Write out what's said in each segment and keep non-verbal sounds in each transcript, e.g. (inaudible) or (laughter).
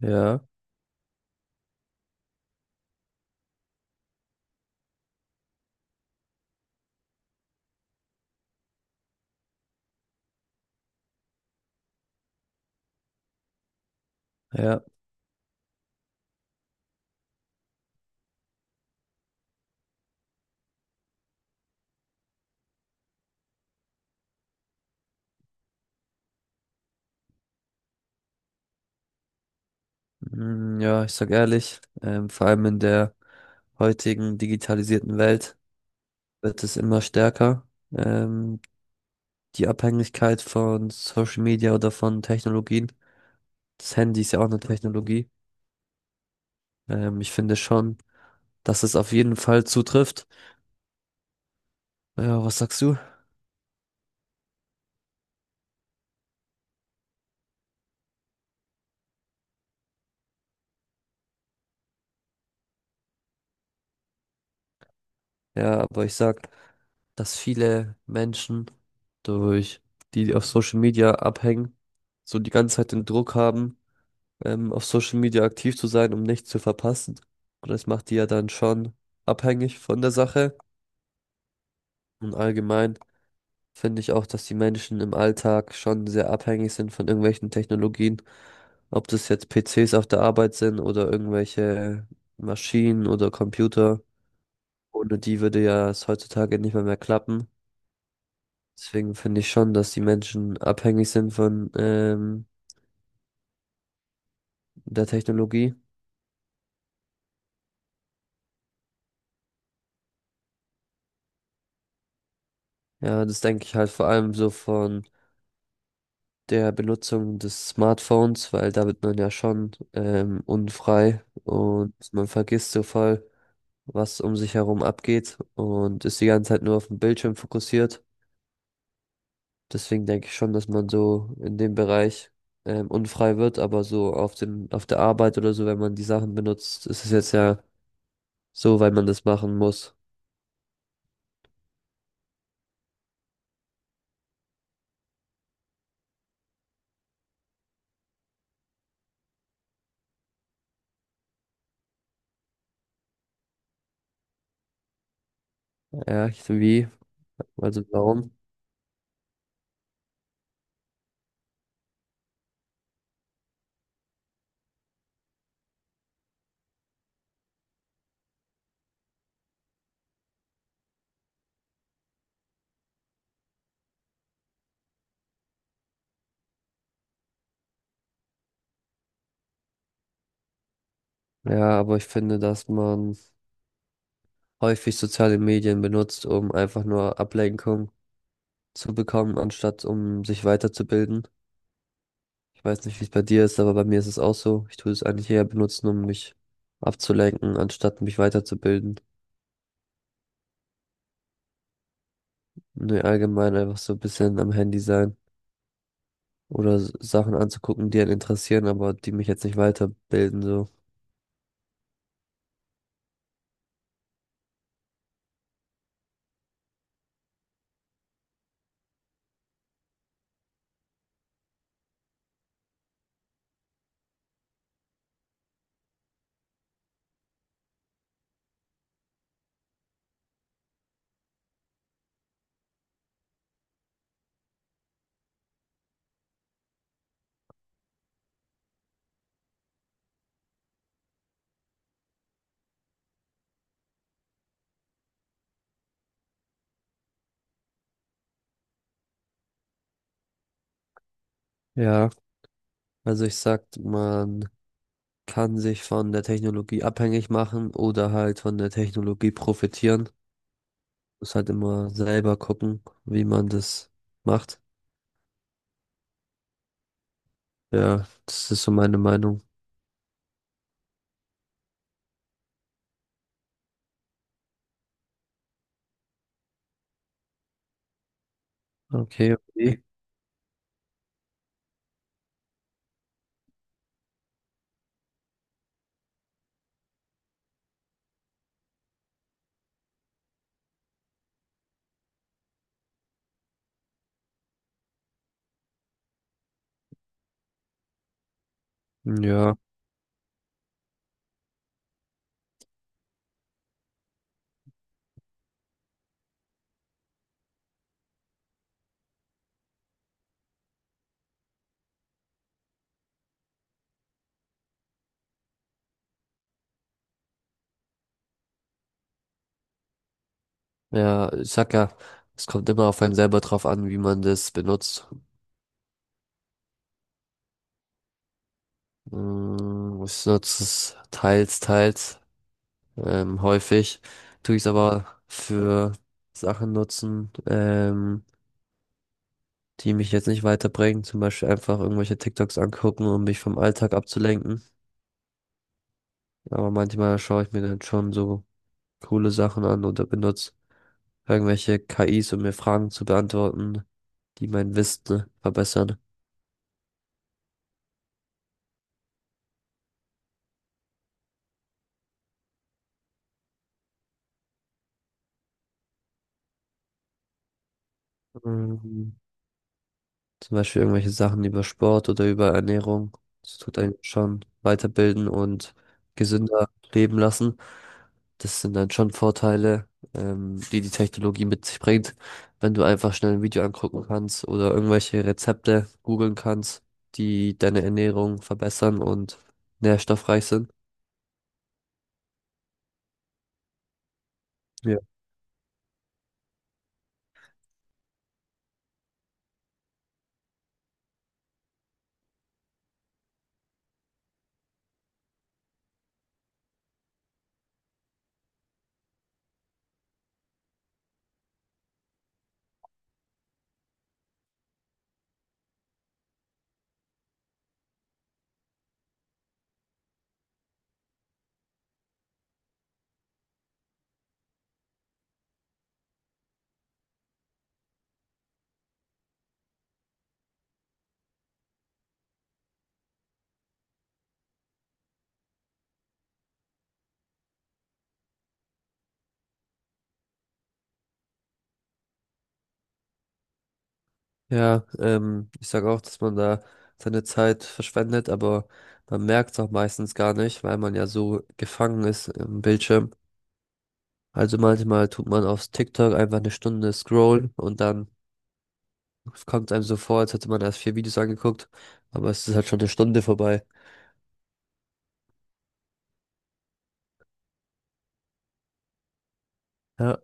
Ja, ja, mm, ja, ich sag ehrlich, vor allem in der heutigen digitalisierten Welt wird es immer stärker, ähm, die Abhängigkeit von Social Media oder von Technologien. Das Handy ist ja auch eine Technologie. Ich finde schon, dass es auf jeden Fall zutrifft. Ja, was sagst du? Ja, aber ich sag, dass viele Menschen durch die, die auf Social Media abhängen, so die ganze Zeit den Druck haben auf Social Media aktiv zu sein, um nichts zu verpassen. Und das macht die ja dann schon abhängig von der Sache. Und allgemein finde ich auch, dass die Menschen im Alltag schon sehr abhängig sind von irgendwelchen Technologien. Ob das jetzt PCs auf der Arbeit sind oder irgendwelche Maschinen oder Computer. Ohne die würde ja es heutzutage nicht mal mehr klappen. Deswegen finde ich schon, dass die Menschen abhängig sind von der Technologie. Ja, das denke ich halt vor allem so von der Benutzung des Smartphones, weil da wird man ja schon unfrei und man vergisst so voll, was um sich herum abgeht und ist die ganze Zeit nur auf den Bildschirm fokussiert. Deswegen denke ich schon, dass man so in dem Bereich unfrei wird, aber so auf dem, auf der Arbeit oder so, wenn man die Sachen benutzt, ist es jetzt ja so, weil man das machen muss. Ja, wie? Also warum? Ja, aber ich finde, dass man häufig soziale Medien benutzt, um einfach nur Ablenkung zu bekommen, anstatt um sich weiterzubilden. Ich weiß nicht, wie es bei dir ist, aber bei mir ist es auch so. Ich tue es eigentlich eher benutzen, um mich abzulenken, anstatt mich weiterzubilden. Nee, allgemein einfach so ein bisschen am Handy sein oder Sachen anzugucken, die einen interessieren, aber die mich jetzt nicht weiterbilden, so. Ja, also ich sag, man kann sich von der Technologie abhängig machen oder halt von der Technologie profitieren. Muss halt immer selber gucken, wie man das macht. Ja, das ist so meine Meinung. Okay, okay. Ja, ja, ich sag ja, es kommt immer auf einen selber drauf an, wie man das benutzt. Mm, ich nutze es teils, teils, häufig. Tue ich es aber für Sachen nutzen, die mich jetzt nicht weiterbringen. Zum Beispiel einfach irgendwelche TikToks angucken, um mich vom Alltag abzulenken. Aber manchmal schaue ich mir dann schon so coole Sachen an oder benutze irgendwelche KIs, um mir Fragen zu beantworten, die mein Wissen verbessern. Ähm, Zum Beispiel irgendwelche Sachen über Sport oder über Ernährung. Das tut einen schon weiterbilden und gesünder leben lassen. Das sind dann schon Vorteile, die die Technologie mit sich bringt, wenn du einfach schnell ein Video angucken kannst oder irgendwelche Rezepte googeln kannst, die deine Ernährung verbessern und nährstoffreich sind. Ja, ich sage auch, dass man da seine Zeit verschwendet, aber man merkt es auch meistens gar nicht, weil man ja so gefangen ist im Bildschirm. Also manchmal tut man auf TikTok einfach 1 Stunde scrollen und dann kommt einem so vor, als hätte man erst 4 Videos angeguckt, aber es ist halt schon 1 Stunde vorbei. Ja,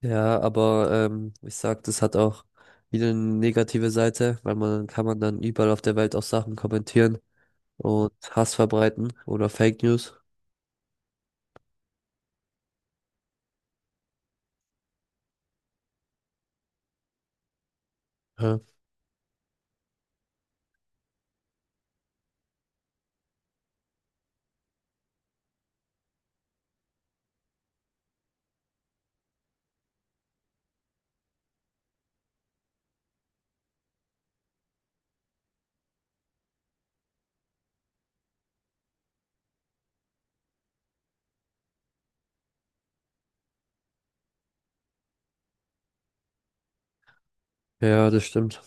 ja, aber ich sag, das hat auch wieder eine negative Seite, weil man kann man dann überall auf der Welt auch Sachen kommentieren und Hass verbreiten oder Fake News. Ja, ja, das stimmt.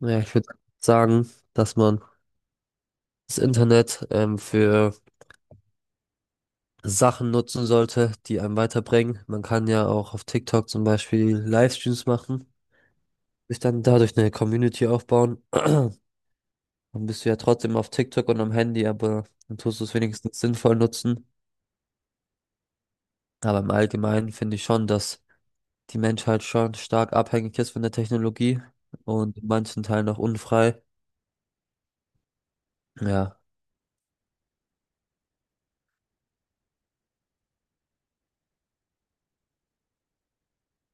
Naja, ich würde sagen, dass man das Internet für Sachen nutzen sollte, die einem weiterbringen. Man kann ja auch auf TikTok zum Beispiel Livestreams machen, sich dann dadurch eine Community aufbauen. (clears throat) Dann bist du ja trotzdem auf TikTok und am Handy, aber dann tust du es wenigstens sinnvoll nutzen. Aber im Allgemeinen finde ich schon, dass die Menschheit schon stark abhängig ist von der Technologie und in manchen Teilen auch unfrei. Ja.